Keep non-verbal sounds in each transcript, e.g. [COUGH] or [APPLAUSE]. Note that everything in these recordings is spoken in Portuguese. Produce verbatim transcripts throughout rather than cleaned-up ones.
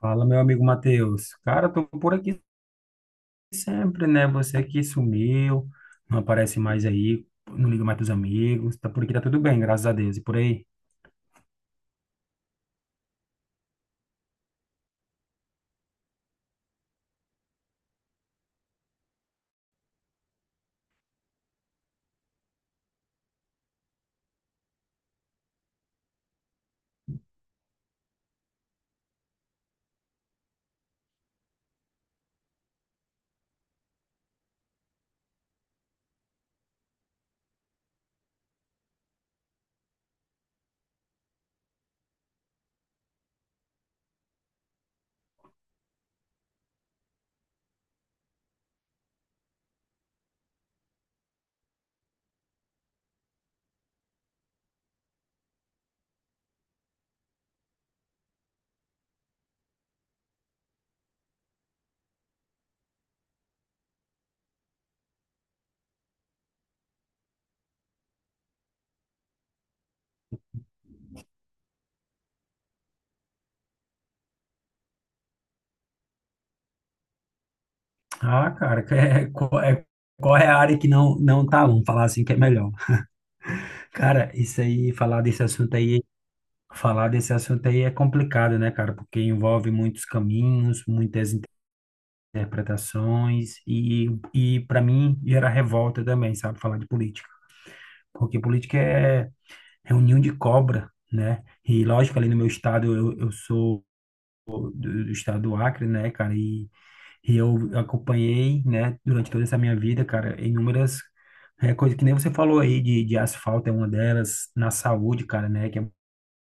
Fala, meu amigo Matheus. Cara, tô por aqui sempre, né? Você que sumiu, não aparece mais aí, não liga mais pros amigos. Tá por aqui, tá tudo bem, graças a Deus. E por aí? Ah, cara, que é, [LAUGHS] qual é, qual é a área que não, não tá? Vamos falar assim que é melhor. Cara, isso aí, falar desse assunto aí, falar desse assunto aí é complicado, né, cara? Porque envolve muitos caminhos, muitas interpretações e, e para mim, gera revolta também, sabe? Falar de política. Porque política é É um ninho de cobra, né? E lógico, ali no meu estado, eu, eu sou do, do estado do Acre, né, cara? E, e eu acompanhei, né, durante toda essa minha vida, cara, inúmeras é, coisas que nem você falou aí, de, de asfalto é uma delas, na saúde, cara, né, que é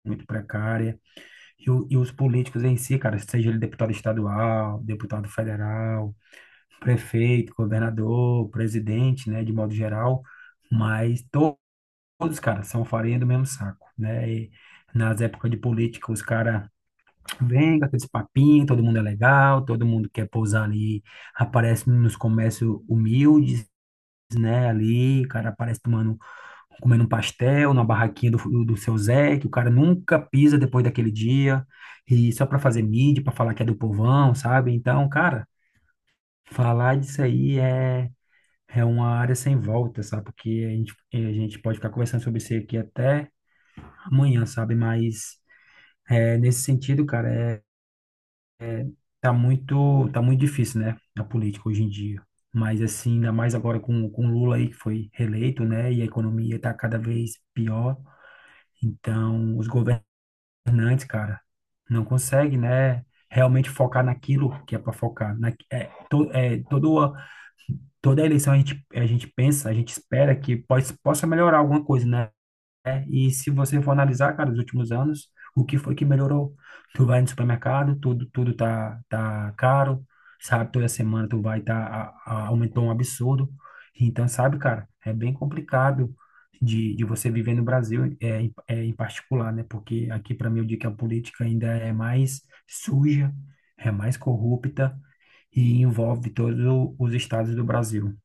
muito precária. E, o- e os políticos em si, cara, seja ele deputado estadual, deputado federal, prefeito, governador, presidente, né, de modo geral, mas todos, cara, são farinha do mesmo saco, né? E nas épocas de política, os caras vêm com aqueles papinhos, todo mundo é legal, todo mundo quer pousar ali, aparece nos comércios humildes, né? Ali, o cara aparece tomando, comendo um pastel na barraquinha do, do seu Zé, que o cara nunca pisa depois daquele dia, e só pra fazer mídia, pra falar que é do povão, sabe? Então, cara, falar disso aí é. É uma área sem volta, sabe? Porque a gente, a gente pode ficar conversando sobre isso aqui até amanhã, sabe? Mas é, nesse sentido, cara, é, tá muito, tá muito difícil, né? A política hoje em dia. Mas assim, ainda mais agora com, com o Lula aí que foi reeleito, né? E a economia tá cada vez pior. Então, os governantes, cara, não conseguem, né? Realmente focar naquilo que é para focar. Na, é, to, é, toda, toda eleição a gente, a gente pensa, a gente espera que pode, possa melhorar alguma coisa, né? né? E se você for analisar, cara, os últimos anos, o que foi que melhorou? Tu vai no supermercado, tudo, tudo tá, tá caro, sabe? Toda semana tu vai tá, a- a- aumentou um absurdo. Então, sabe, cara, é bem complicado de, de você viver no Brasil, é, em- é, em particular, né? Porque aqui, para mim, eu digo que a política ainda é mais suja, é mais corrupta e envolve todos os estados do Brasil.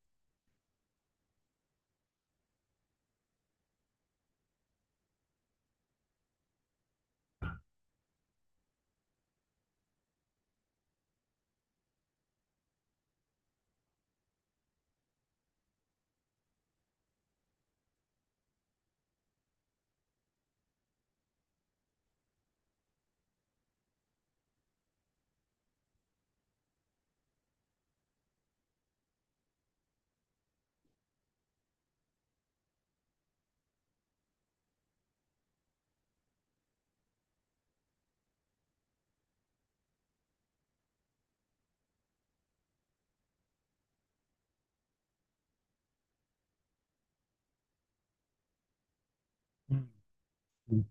Hum.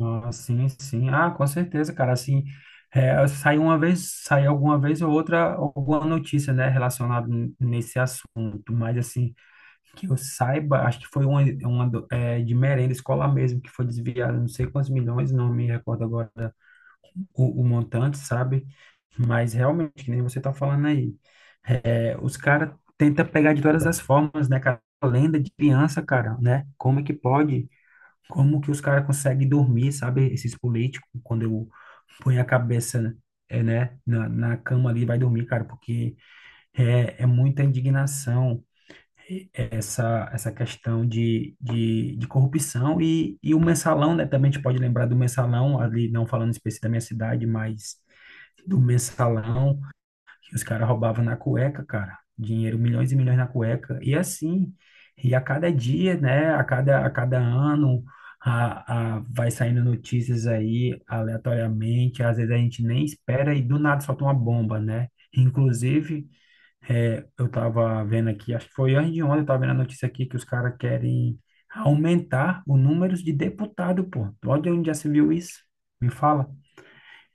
Ah, sim, sim. Ah, com certeza, cara. Assim, é, sai uma vez, sai alguma vez ou outra alguma notícia, né, relacionada n- nesse assunto. Mas assim, que eu saiba, acho que foi uma, uma do- é, de merenda escolar mesmo que foi desviada, não sei quantos milhões, não me recordo agora o, o montante, sabe? Mas realmente, que nem você tá falando aí, é, os caras tentam pegar de todas as formas, né, cara? Lenda de criança, cara, né? Como é que pode? Como que os caras conseguem dormir, sabe? Esses políticos, quando eu ponho a cabeça, é, né, na, na cama ali, vai dormir, cara, porque é, é muita indignação, é, essa, essa questão de, de, de corrupção e, e o mensalão, né? Também a gente pode lembrar do mensalão, ali, não falando específico da minha cidade, mas do mensalão os caras roubavam na cueca, cara. Dinheiro, milhões e milhões na cueca. E assim, e a cada dia, né? A cada, a cada ano, a, a, vai saindo notícias aí aleatoriamente. Às vezes a gente nem espera e do nada solta uma bomba, né? Inclusive, é, eu tava vendo aqui, acho que foi antes de ontem, eu tava vendo a notícia aqui que os caras querem aumentar o número de deputado, pô. Olha onde já se viu isso. Me fala.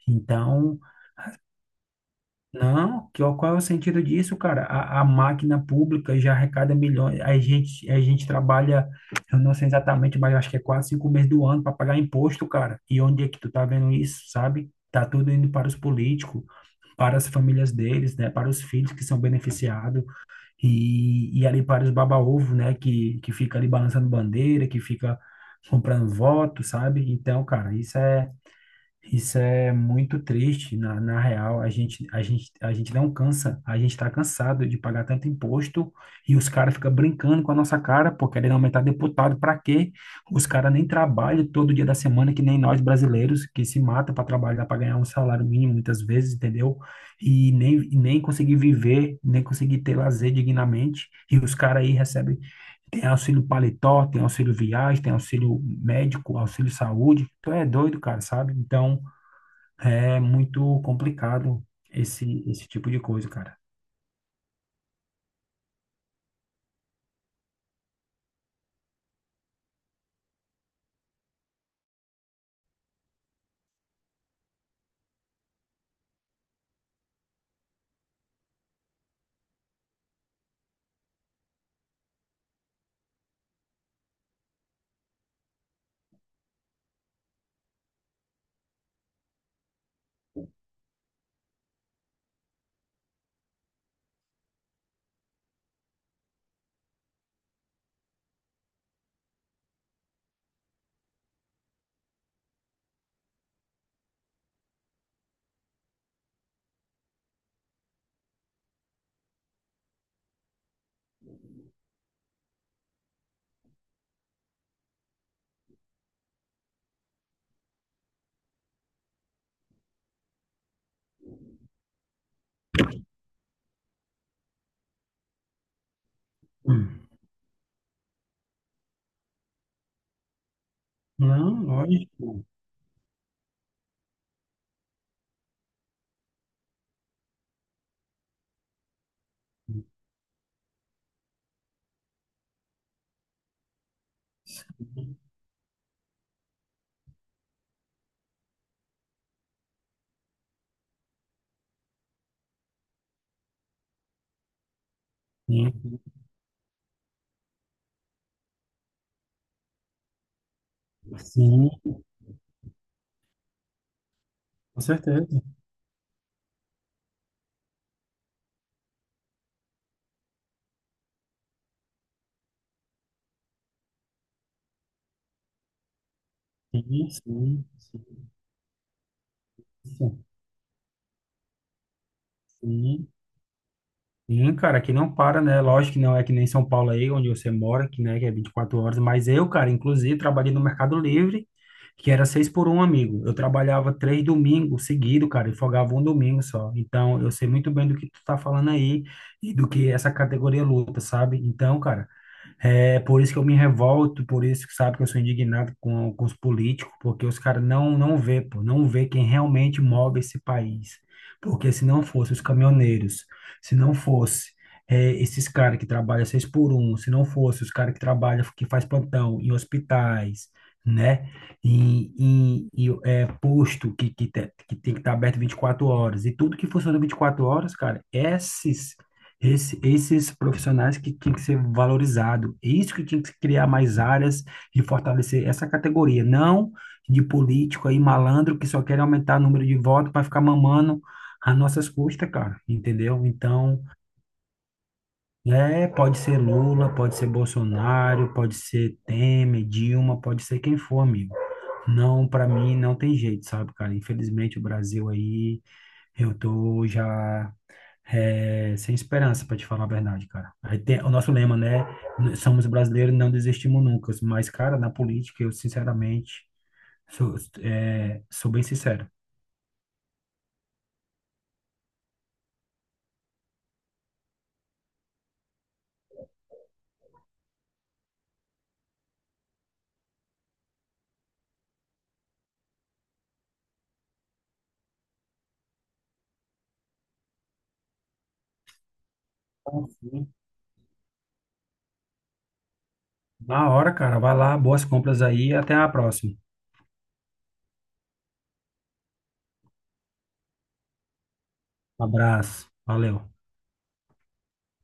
Então, não, que- qual é o sentido disso, cara? A, a máquina pública já arrecada milhões. A gente, a gente trabalha, eu não sei exatamente, mas eu acho que é quase cinco meses do ano para pagar imposto, cara. E onde é que tu tá vendo isso, sabe? Tá tudo indo para os políticos, para as famílias deles, né? Para os filhos que são beneficiados e, e ali para os baba-ovo, né? Que, que fica ali balançando bandeira, que fica comprando voto, sabe? Então, cara, isso é isso é muito triste, na, na real, a gente, a gente, a gente não cansa, a gente está cansado de pagar tanto imposto e os caras ficam brincando com a nossa cara, pô, querendo aumentar deputado, para quê? Os caras nem trabalham todo dia da semana, que nem nós brasileiros, que se mata para trabalhar, para ganhar um salário mínimo muitas vezes, entendeu? E nem, e nem conseguir viver, nem conseguir ter lazer dignamente, e os caras aí recebem, tem auxílio paletó, tem auxílio viagem, tem auxílio médico, auxílio saúde, tu é doido, cara, sabe? Então, é muito complicado esse, esse tipo de coisa, cara. Hum. Não, lógico. Sim, sim, sim, com certeza. Sim, sim, sim, sim. Sim, sim, cara, que não para, né? Lógico que não é que nem São Paulo aí, onde você mora, que, né, que é vinte e quatro horas, mas eu, cara, inclusive, trabalhei no Mercado Livre que era seis por um, amigo. Eu trabalhava três domingos seguido, cara, e folgava um domingo só. Então, eu sei muito bem do que tu tá falando aí e do que essa categoria luta, sabe? Então, cara, é por isso que eu me revolto, por isso que sabe que eu sou indignado com, com os políticos, porque os caras não não vê, pô, não vê quem realmente move esse país. Porque se não fosse os caminhoneiros, se não fosse é, esses caras que trabalham seis por um, se não fosse os caras que trabalham, que faz plantão em hospitais, né? E, e, e é, posto que, que, te- que tem que estar aberto vinte e quatro horas, e tudo que funciona vinte e quatro horas, cara, esses esse, esses profissionais que tinham que ser valorizados, é isso que tinha que se criar mais áreas e fortalecer essa categoria, não de político aí malandro que só quer aumentar o número de votos para ficar mamando às nossas custas, cara, entendeu? Então, é, pode ser Lula, pode ser Bolsonaro, pode ser Temer, Dilma, pode ser quem for, amigo. Não, para mim não tem jeito, sabe, cara? Infelizmente o Brasil aí, eu tô já é, sem esperança, para te falar a verdade, cara. A gente tem- o nosso lema, né? Somos brasileiros, não desistimos nunca. Mas, cara, na política, eu sinceramente sou, é, sou bem sincero. Então, sim. Na hora, cara, vai lá, boas compras aí, e até a próxima. Abraço, valeu.